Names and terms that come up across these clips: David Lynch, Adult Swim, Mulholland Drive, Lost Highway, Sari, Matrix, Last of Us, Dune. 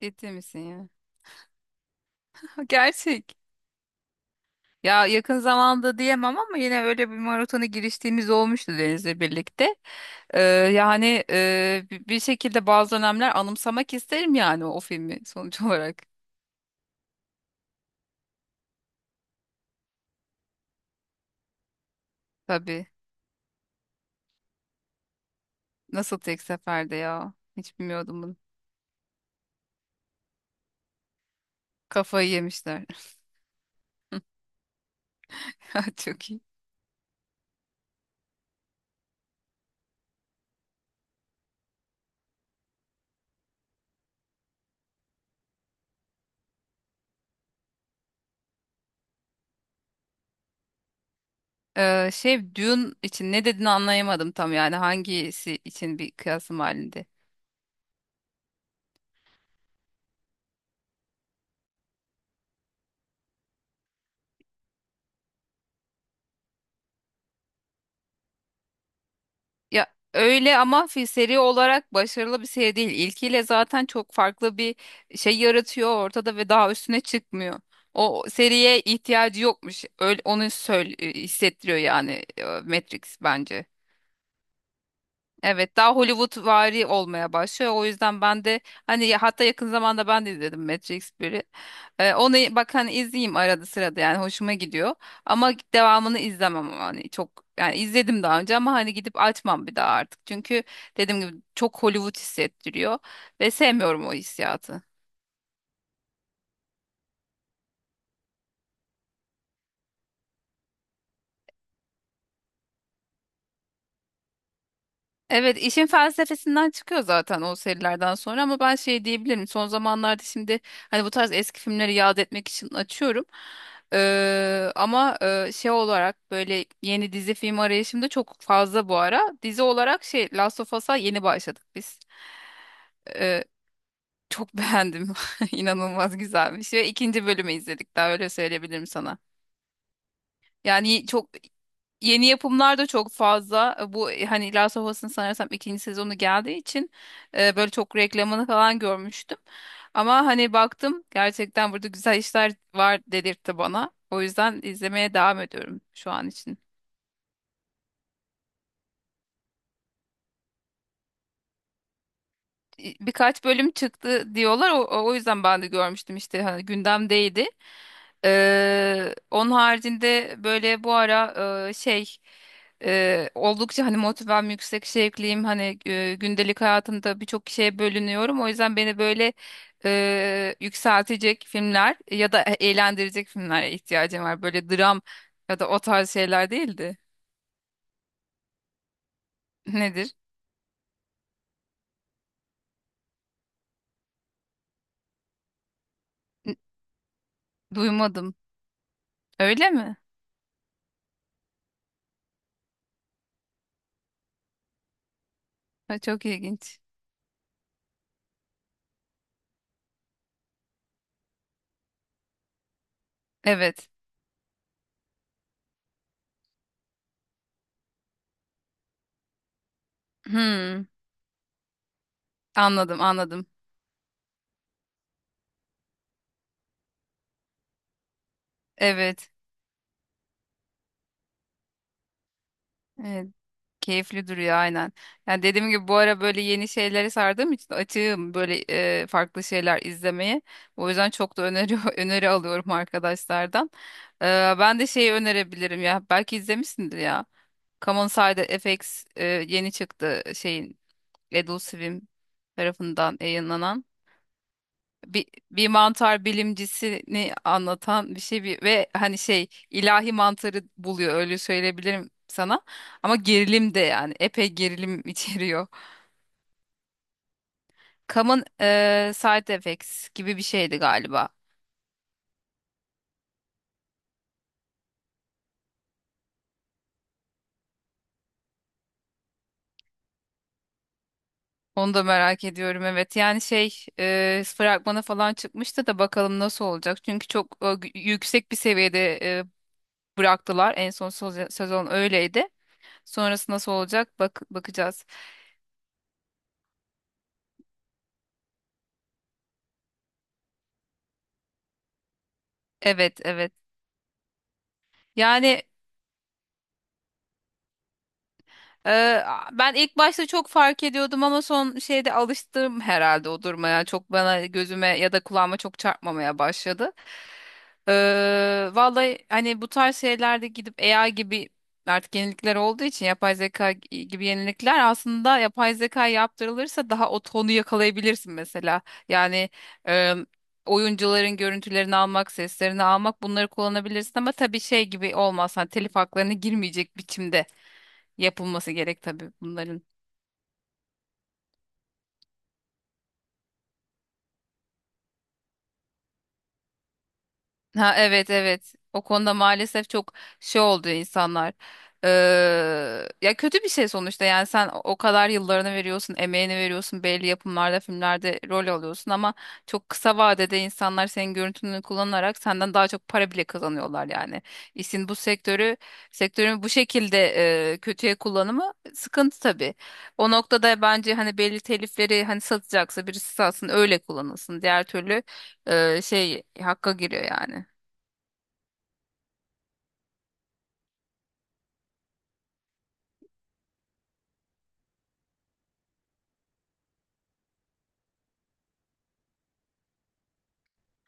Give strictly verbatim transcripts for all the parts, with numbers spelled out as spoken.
Ciddi misin ya? Gerçek. Ya yakın zamanda diyemem ama yine öyle bir maratona giriştiğimiz olmuştu Deniz'le birlikte. Ee, yani e, bi- bir şekilde bazı dönemler anımsamak isterim yani o filmi sonuç olarak. Tabii. Nasıl tek seferde ya? Hiç bilmiyordum bunu. Kafayı yemişler. Çok iyi. Ee, şey, Dune için ne dediğini anlayamadım tam, yani hangisi için bir kıyasım halinde. Ya öyle ama fi- seri olarak başarılı bir seri değil. İlkiyle zaten çok farklı bir şey yaratıyor ortada ve daha üstüne çıkmıyor. O seriye ihtiyacı yokmuş. Öyle onu söyle, e, hissettiriyor yani, e, Matrix bence. Evet, daha Hollywoodvari olmaya başlıyor. O yüzden ben de hani ya- hatta yakın zamanda ben de izledim Matrix biri. Ee, onu bak, hani izleyeyim arada sırada, yani hoşuma gidiyor. Ama devamını izlemem, hani çok, yani izledim daha önce ama hani gidip açmam bir daha artık. Çünkü dediğim gibi çok Hollywood hissettiriyor ve sevmiyorum o hissiyatı. Evet, işin felsefesinden çıkıyor zaten o serilerden sonra. Ama ben şey diyebilirim, son zamanlarda şimdi hani bu tarz eski filmleri yad etmek için açıyorum. Ee, ama e, şey olarak, böyle yeni dizi film arayışımda çok fazla bu ara, dizi olarak şey, Last of Us'a yeni başladık biz. Ee, Çok beğendim, inanılmaz güzelmiş. Ve ikinci bölümü izledik daha, öyle söyleyebilirim sana. Yani çok yeni yapımlar da çok fazla. Bu hani Last of Us'ın sanırsam ikinci sezonu geldiği için e, böyle çok reklamını falan görmüştüm. Ama hani baktım, gerçekten burada güzel işler var dedirtti bana. O yüzden izlemeye devam ediyorum şu an için. Birkaç bölüm çıktı diyorlar. O, o o yüzden ben de görmüştüm işte, hani gündemdeydi. Ee, onun haricinde böyle bu ara e, şey e, oldukça hani motivem yüksek, şevkliyim, hani e, gündelik hayatımda birçok şeye bölünüyorum. O yüzden beni böyle e, yükseltecek filmler ya da e- eğlendirecek filmlere ihtiyacım var. Böyle dram ya da o tarz şeyler değildi. Nedir? N- Duymadım. Öyle mi? Ha, çok ilginç. Evet. Hmm. Anladım, anladım. Evet. Evet. Keyifli duruyor, aynen. Yani dediğim gibi, bu ara böyle yeni şeylere sardığım için açığım böyle e, farklı şeyler izlemeye. O yüzden çok da öneri öneri alıyorum arkadaşlardan. Ee, Ben de şeyi önerebilirim ya. Belki izlemişsindir ya. Common On Side F X, e, yeni çıktı, şeyin, Adult Swim tarafından yayınlanan bir, bir mantar bilimcisini anlatan bir şey. Bir, ve hani şey, ilahi mantarı buluyor, öyle söyleyebilirim sana. Ama gerilim de, yani epey gerilim içeriyor. Common eee, Side Effects gibi bir şeydi galiba. Onu da merak ediyorum, evet. Yani şey, eee fragmana falan çıkmıştı da, bakalım nasıl olacak. Çünkü çok e, gü- yüksek bir seviyede e, bıraktılar. En son söz- sezon öyleydi. Sonrası nasıl olacak, bak bakacağız. Evet, evet. Yani Ee, ben ilk başta çok fark ediyordum, ama son şeyde alıştım herhalde o durmaya. Çok bana, gözüme ya da kulağıma çok çarpmamaya başladı. Ee, vallahi hani bu tarz şeylerde gidip A I gibi artık yenilikler olduğu için, yapay zeka gibi yenilikler, aslında yapay zeka yaptırılırsa daha o tonu yakalayabilirsin mesela. Yani e, oyuncuların görüntülerini almak, seslerini almak, bunları kullanabilirsin. Ama tabii şey gibi olmaz, hani telif haklarına girmeyecek biçimde yapılması gerek tabii bunların. Ha, evet, evet. O konuda maalesef çok şey oldu insanlar. Ee, Ya kötü bir şey sonuçta. Yani sen o o kadar yıllarını veriyorsun, emeğini veriyorsun, belli yapımlarda, filmlerde rol alıyorsun, ama çok kısa vadede insanlar senin görüntünü kullanarak senden daha çok para bile kazanıyorlar yani. İşin bu sektörü, Sektörün bu şekilde e, kötüye kullanımı sıkıntı tabii. O noktada bence hani belli telifleri, hani satacaksa birisi satsın, öyle kullanılsın. Diğer türlü e, şey, hakka giriyor yani.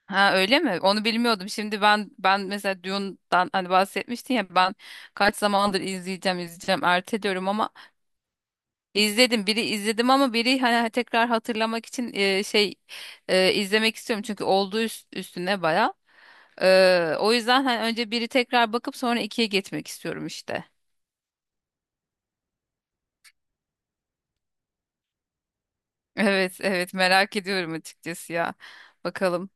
Ha, öyle mi? Onu bilmiyordum. Şimdi ben ben mesela Dune'dan hani bahsetmiştin ya, ben kaç zamandır izleyeceğim izleyeceğim erteliyorum ama izledim. Biri izledim ama biri hani, hani tekrar hatırlamak için e, şey e, izlemek istiyorum, çünkü olduğu üst- üstüne baya. E, o yüzden hani önce biri tekrar bakıp sonra ikiye geçmek istiyorum işte. Evet, evet, merak ediyorum açıkçası ya. Bakalım.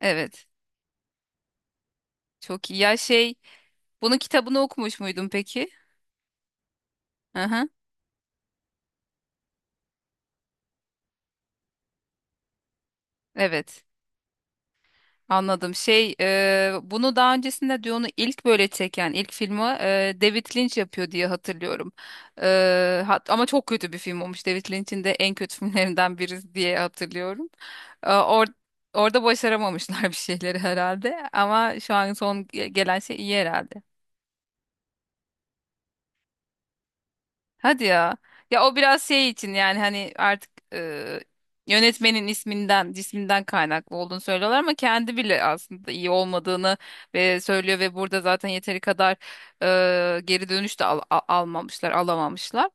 Evet. Çok iyi. Ya şey, bunun kitabını okumuş muydun peki? Hı hı. Evet. Anladım. Şey, e, bunu daha öncesinde Dune'u ilk böyle çeken, ilk filmi e, David Lynch yapıyor diye hatırlıyorum. E, hat- ama çok kötü bir film olmuş. David Lynch'in de en kötü filmlerinden birisi diye hatırlıyorum. E, or- orada başaramamışlar bir şeyleri herhalde. Ama şu an son ge- gelen şey iyi herhalde. Hadi ya. Ya o biraz şey için, yani hani artık e, yönetmenin isminden, cisminden kaynaklı olduğunu söylüyorlar, ama kendi bile aslında iyi olmadığını ve söylüyor. Ve burada zaten yeteri kadar e, geri dönüş de al- a- almamışlar, alamamışlar.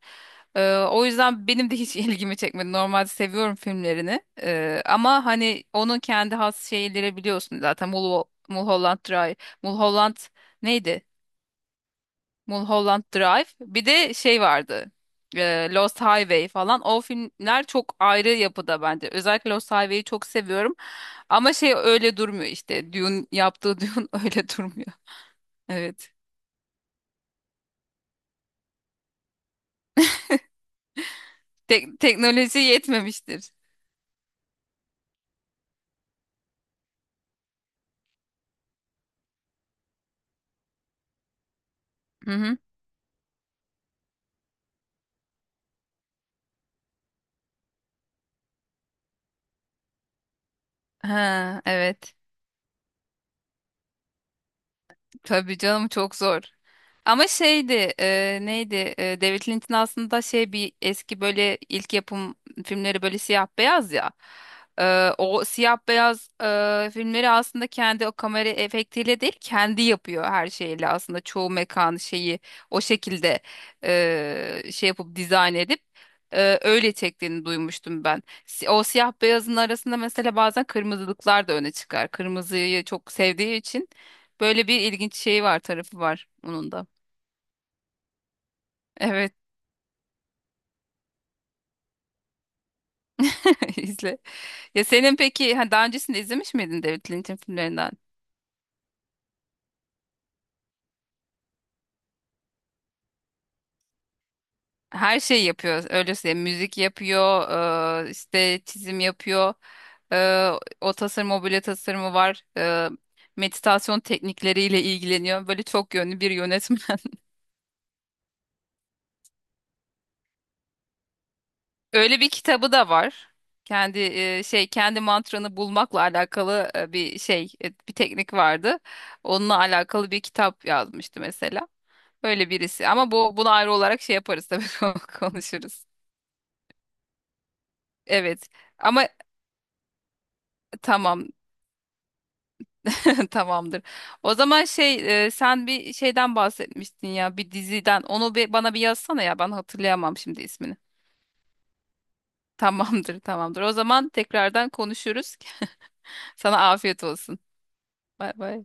E, o yüzden benim de hiç ilgimi çekmedi. Normalde seviyorum filmlerini. E, ama hani onun kendi has şeyleri biliyorsun zaten, Mul Mulholland Drive, Mulholland, neydi? Mulholland Drive. Bir de şey vardı, e, Lost Highway falan. O filmler çok ayrı yapıda bence. Özellikle Lost Highway'i çok seviyorum. Ama şey öyle durmuyor işte. Dune, yaptığı Dune öyle durmuyor. Evet. Tek teknoloji yetmemiştir. Hı hı. Ha, evet. Tabii canım, çok zor. Ama şeydi, e, neydi e, David Lynch'in aslında şey, bir eski böyle ilk yapım filmleri böyle siyah beyaz ya. E, o siyah beyaz e, filmleri aslında kendi o kamera efektiyle değil, kendi yapıyor her şeyle. Aslında çoğu mekan şeyi o şekilde e, şey yapıp, dizayn edip e, öyle çektiğini duymuştum ben. Si- O siyah beyazın arasında mesela bazen kırmızılıklar da öne çıkar, kırmızıyı çok sevdiği için. Böyle bir ilginç şey var, tarafı var onun da. Evet, izle. Ya senin peki, ha, daha öncesinde izlemiş miydin David Lynch'in filmlerinden? Her şeyi yapıyor, öyle söyleyeyim. Müzik yapıyor, eee, işte çizim yapıyor. Eee, O tasarım, mobilya tasarımı var. Eee, meditasyon teknikleriyle ilgileniyor. Böyle çok yönlü bir yönetmen. Öyle bir kitabı da var. Kendi eee, şey, kendi mantranı bulmakla alakalı eee, bir şey, e, bir teknik vardı. Onunla alakalı bir kitap yazmıştı mesela. Öyle birisi. Ama bu bunu ayrı olarak şey yaparız tabii, ko- konuşuruz. Evet. Ama tamam. Tamamdır. O zaman şey, e, sen bir şeyden bahsetmiştin ya, bir diziden. Onu bir, bana bir yazsana ya, ben hatırlayamam şimdi ismini. Tamamdır, tamamdır. O zaman tekrardan konuşuruz. Sana afiyet olsun. Bay bay.